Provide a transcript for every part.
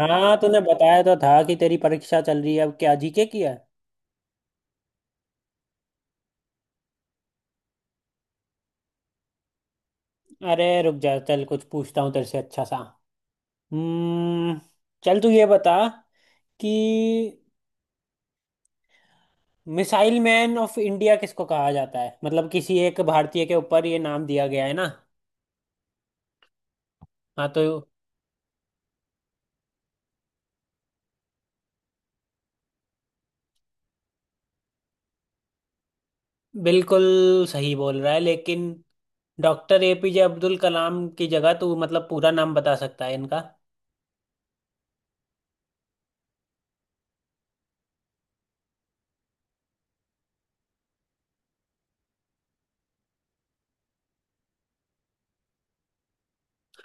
हाँ, तूने बताया तो था कि तेरी परीक्षा चल रही है। अब क्या जीके की है? अरे रुक जा, चल कुछ पूछता हूँ तेरे से अच्छा सा। हम्म। चल तू ये बता कि मिसाइल मैन ऑफ इंडिया किसको कहा जाता है? मतलब किसी एक भारतीय के ऊपर ये नाम दिया गया है ना। हाँ तो बिल्कुल सही बोल रहा है, लेकिन डॉक्टर एपीजे अब्दुल कलाम की जगह तू मतलब पूरा नाम बता सकता है इनका?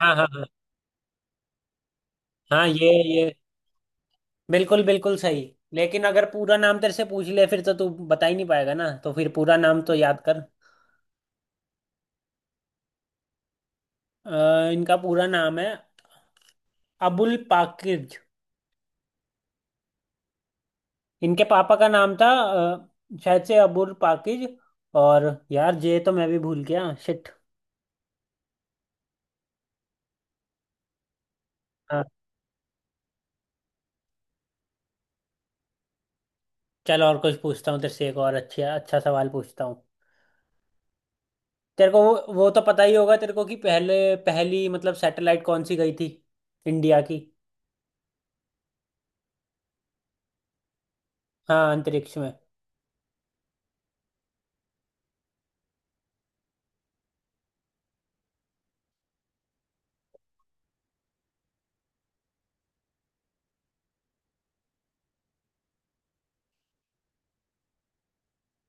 हाँ हाँ हाँ। हाँ ये बिल्कुल बिल्कुल सही। लेकिन अगर पूरा नाम तेरे से पूछ ले फिर तो तू बता ही नहीं पाएगा ना, तो फिर पूरा नाम तो याद कर। इनका पूरा नाम है अबुल पाकिज। इनके पापा का नाम था शायद से अबुल पाकिज। और यार जे तो मैं भी भूल गया, शिट। हाँ, चल और कुछ पूछता हूँ तेरे से, एक और अच्छा अच्छा सवाल पूछता हूँ। तेरे को वो तो पता ही होगा तेरे को कि पहले, पहली मतलब सैटेलाइट कौन सी गई थी इंडिया की? हाँ, अंतरिक्ष में।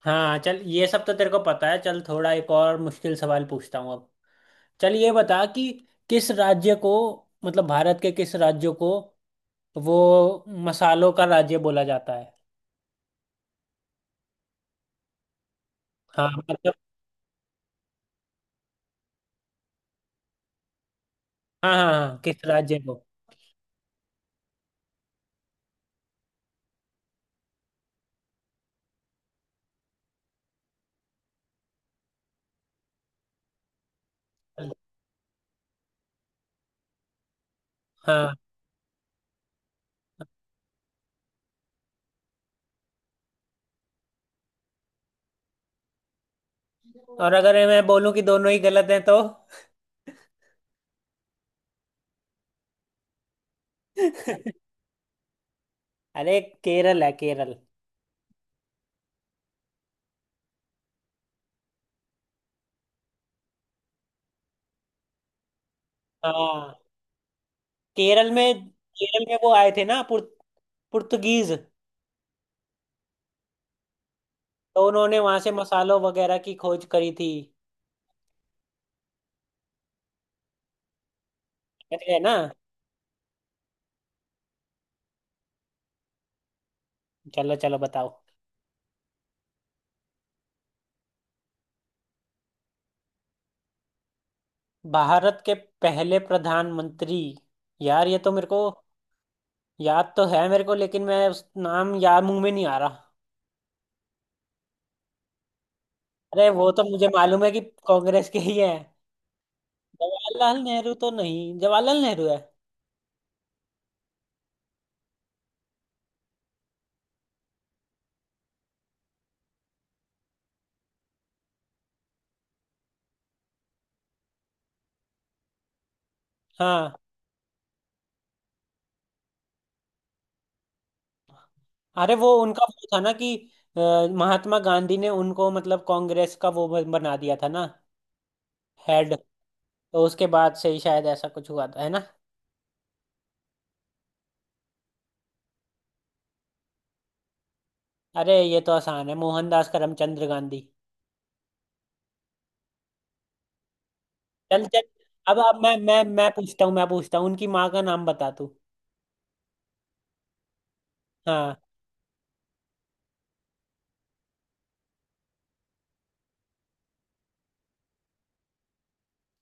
हाँ, चल ये सब तो तेरे को पता है। चल थोड़ा एक और मुश्किल सवाल पूछता हूँ अब। चल ये बता कि किस राज्य को, मतलब भारत के किस राज्य को वो मसालों का राज्य बोला जाता है? हाँ मतलब। हाँ हाँ हाँ, किस राज्य को। हाँ, और अगर मैं बोलूँ कि दोनों ही गलत हैं तो? अरे केरल है, केरल। हाँ। केरल में। केरल में वो आए थे ना पुर्तगीज। तो उन्होंने वहां से मसालों वगैरह की खोज करी थी। समझ गए ना? चलो चलो बताओ। भारत के पहले प्रधानमंत्री? यार ये तो मेरे को, याद तो है मेरे को लेकिन मैं उस नाम याद मुंह में नहीं आ रहा। अरे वो तो मुझे मालूम है कि कांग्रेस के ही है। जवाहरलाल नेहरू तो नहीं? जवाहरलाल नेहरू है। हाँ। अरे वो उनका वो था ना कि, अ, महात्मा गांधी ने उनको मतलब कांग्रेस का वो बना दिया था ना, हेड। तो उसके बाद से ही शायद ऐसा कुछ हुआ था, है ना। अरे ये तो आसान है, मोहनदास करमचंद गांधी। चल चल, अब मैं पूछता हूँ, मैं पूछता हूँ, उनकी माँ का नाम बता तू। हाँ।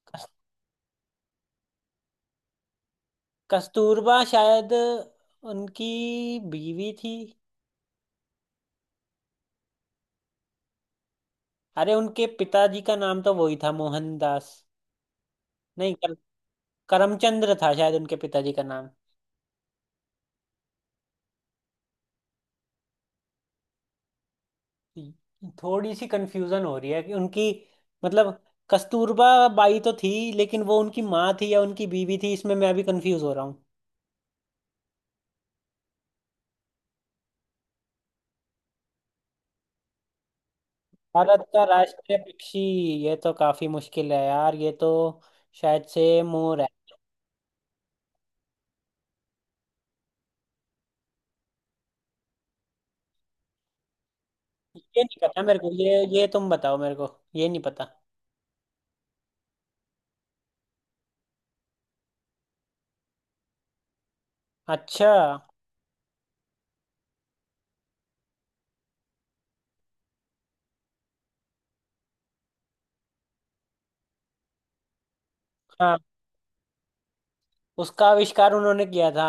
कस- कस्तूरबा शायद उनकी बीवी थी। अरे उनके पिताजी का नाम तो वही था मोहनदास। नहीं कर, करमचंद्र था शायद उनके पिताजी का नाम। थोड़ी सी कंफ्यूजन हो रही है कि उनकी, मतलब कस्तूरबा बाई तो थी, लेकिन वो उनकी माँ थी या उनकी बीवी थी, इसमें मैं भी कंफ्यूज हो रहा हूँ। भारत का राष्ट्रीय पक्षी? ये तो काफी मुश्किल है यार, ये तो शायद से मोर है। ये नहीं पता मेरे को, ये तुम बताओ, मेरे को ये नहीं पता। अच्छा। हाँ, उसका आविष्कार उन्होंने किया था,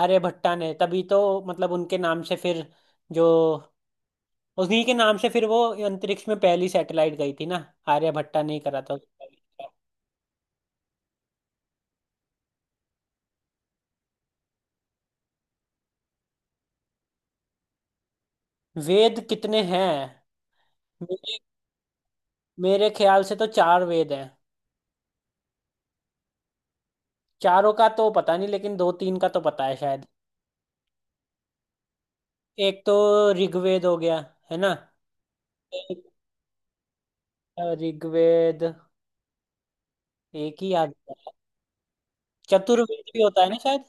आर्यभट्टा ने। तभी तो मतलब उनके नाम से फिर जो, उन्हीं के नाम से फिर वो अंतरिक्ष में पहली सैटेलाइट गई थी ना। आर्यभट्टा ने ही करा था उसका आविष्कार। वेद कितने हैं? मेरे मेरे ख्याल से तो चार वेद हैं। चारों का तो पता नहीं, लेकिन दो तीन का तो पता है शायद। एक तो ऋग्वेद हो गया, है ना। एक ऋग्वेद, एक ही याद है। चतुर्वेद भी होता है ना शायद।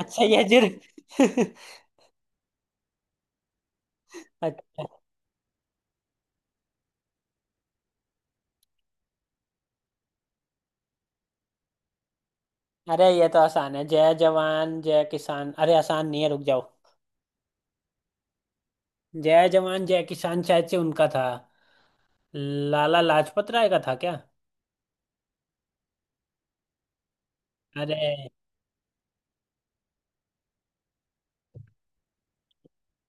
अच्छा, यजुर्। अच्छा। अरे ये तो आसान है, जय जवान जय किसान। अरे आसान नहीं है, रुक जाओ। जय जवान जय किसान शायद से उनका था, लाला लाजपत राय का था क्या? अरे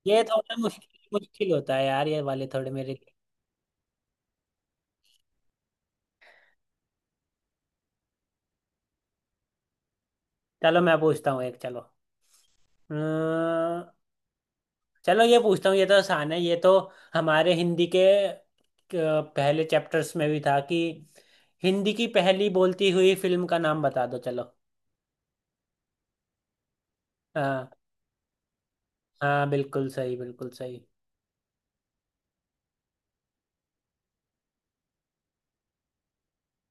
ये थोड़ा मुश्किल मुश्किल होता है यार, ये वाले थोड़े मेरे लिए। चलो मैं पूछता हूँ एक, चलो। अम्म, चलो ये पूछता हूँ, ये तो आसान है ये तो। हमारे हिंदी के पहले चैप्टर्स में भी था कि हिंदी की पहली बोलती हुई फिल्म का नाम बता दो, चलो। हाँ, हाँ बिल्कुल सही, बिल्कुल सही।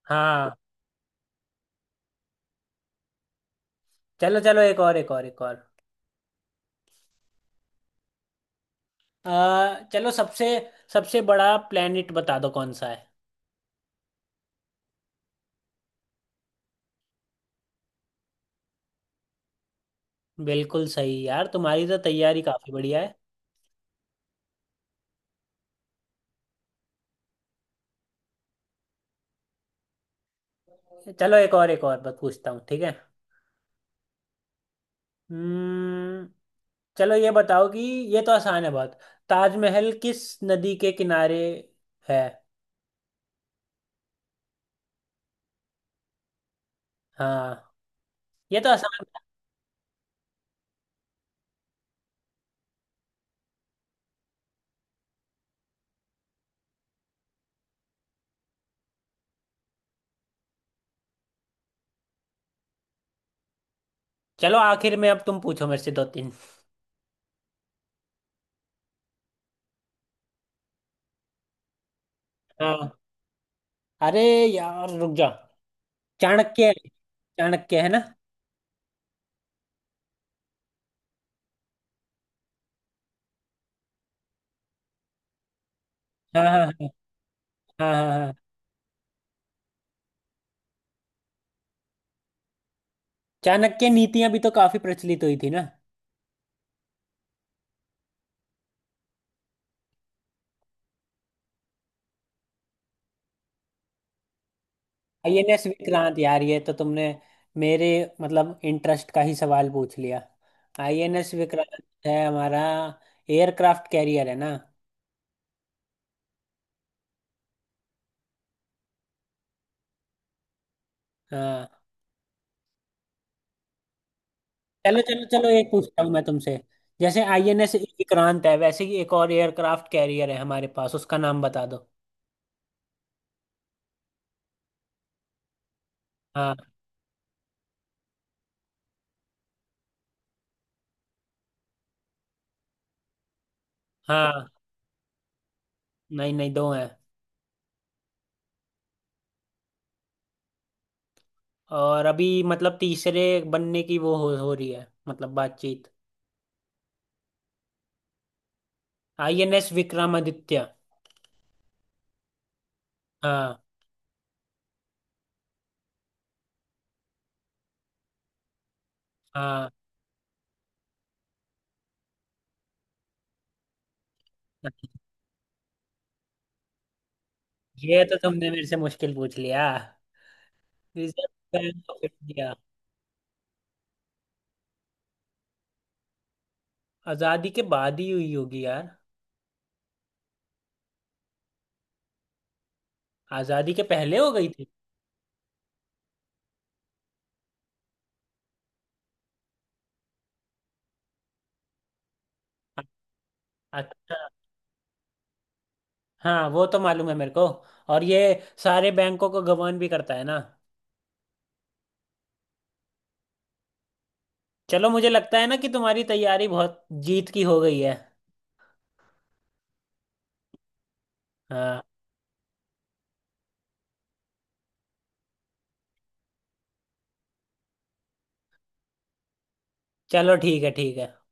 हाँ चलो चलो, एक और। चलो सबसे सबसे बड़ा प्लेनेट बता दो कौन सा है। बिल्कुल सही यार, तुम्हारी तो तैयारी काफी बढ़िया है। चलो एक और, एक और बात पूछता हूँ, ठीक है। हम्म। चलो ये बताओ कि, ये तो आसान है बहुत, ताजमहल किस नदी के किनारे है? हाँ, ये तो आसान था। चलो आखिर में अब तुम पूछो मेरे से दो तीन। हाँ, अरे यार रुक जा। चाणक्य है, चाणक्य है ना। हाँ हाँ हाँ हाँ। हाँ हाँ, चाणक्य नीतियां भी तो काफी प्रचलित हुई थी ना। आईएनएस विक्रांत, यार ये तो तुमने मेरे, मतलब इंटरेस्ट का ही सवाल पूछ लिया। आईएनएस विक्रांत है हमारा एयरक्राफ्ट कैरियर, है ना। हाँ। चलो चलो चलो, एक पूछता हूँ मैं तुमसे। जैसे आईएनएस विक्रांत है, वैसे ही एक और एयरक्राफ्ट कैरियर है हमारे पास, उसका नाम बता दो। हाँ। हाँ नहीं नहीं, दो हैं। और अभी मतलब तीसरे बनने की वो हो रही है मतलब बातचीत। आईएनएस विक्रमादित्य। हाँ। हाँ हाँ। ये तो तुमने मेरे से मुश्किल पूछ लिया, रिजर्व बैंक ऑफ इंडिया। आजादी के बाद ही हुई होगी यार। आजादी के पहले हो गई थी। अच्छा। हाँ, वो तो मालूम है मेरे को। और ये सारे बैंकों को गवर्न भी करता है ना। चलो मुझे लगता है ना कि तुम्हारी तैयारी बहुत जीत की हो गई है। हाँ, चलो ठीक है, ठीक है।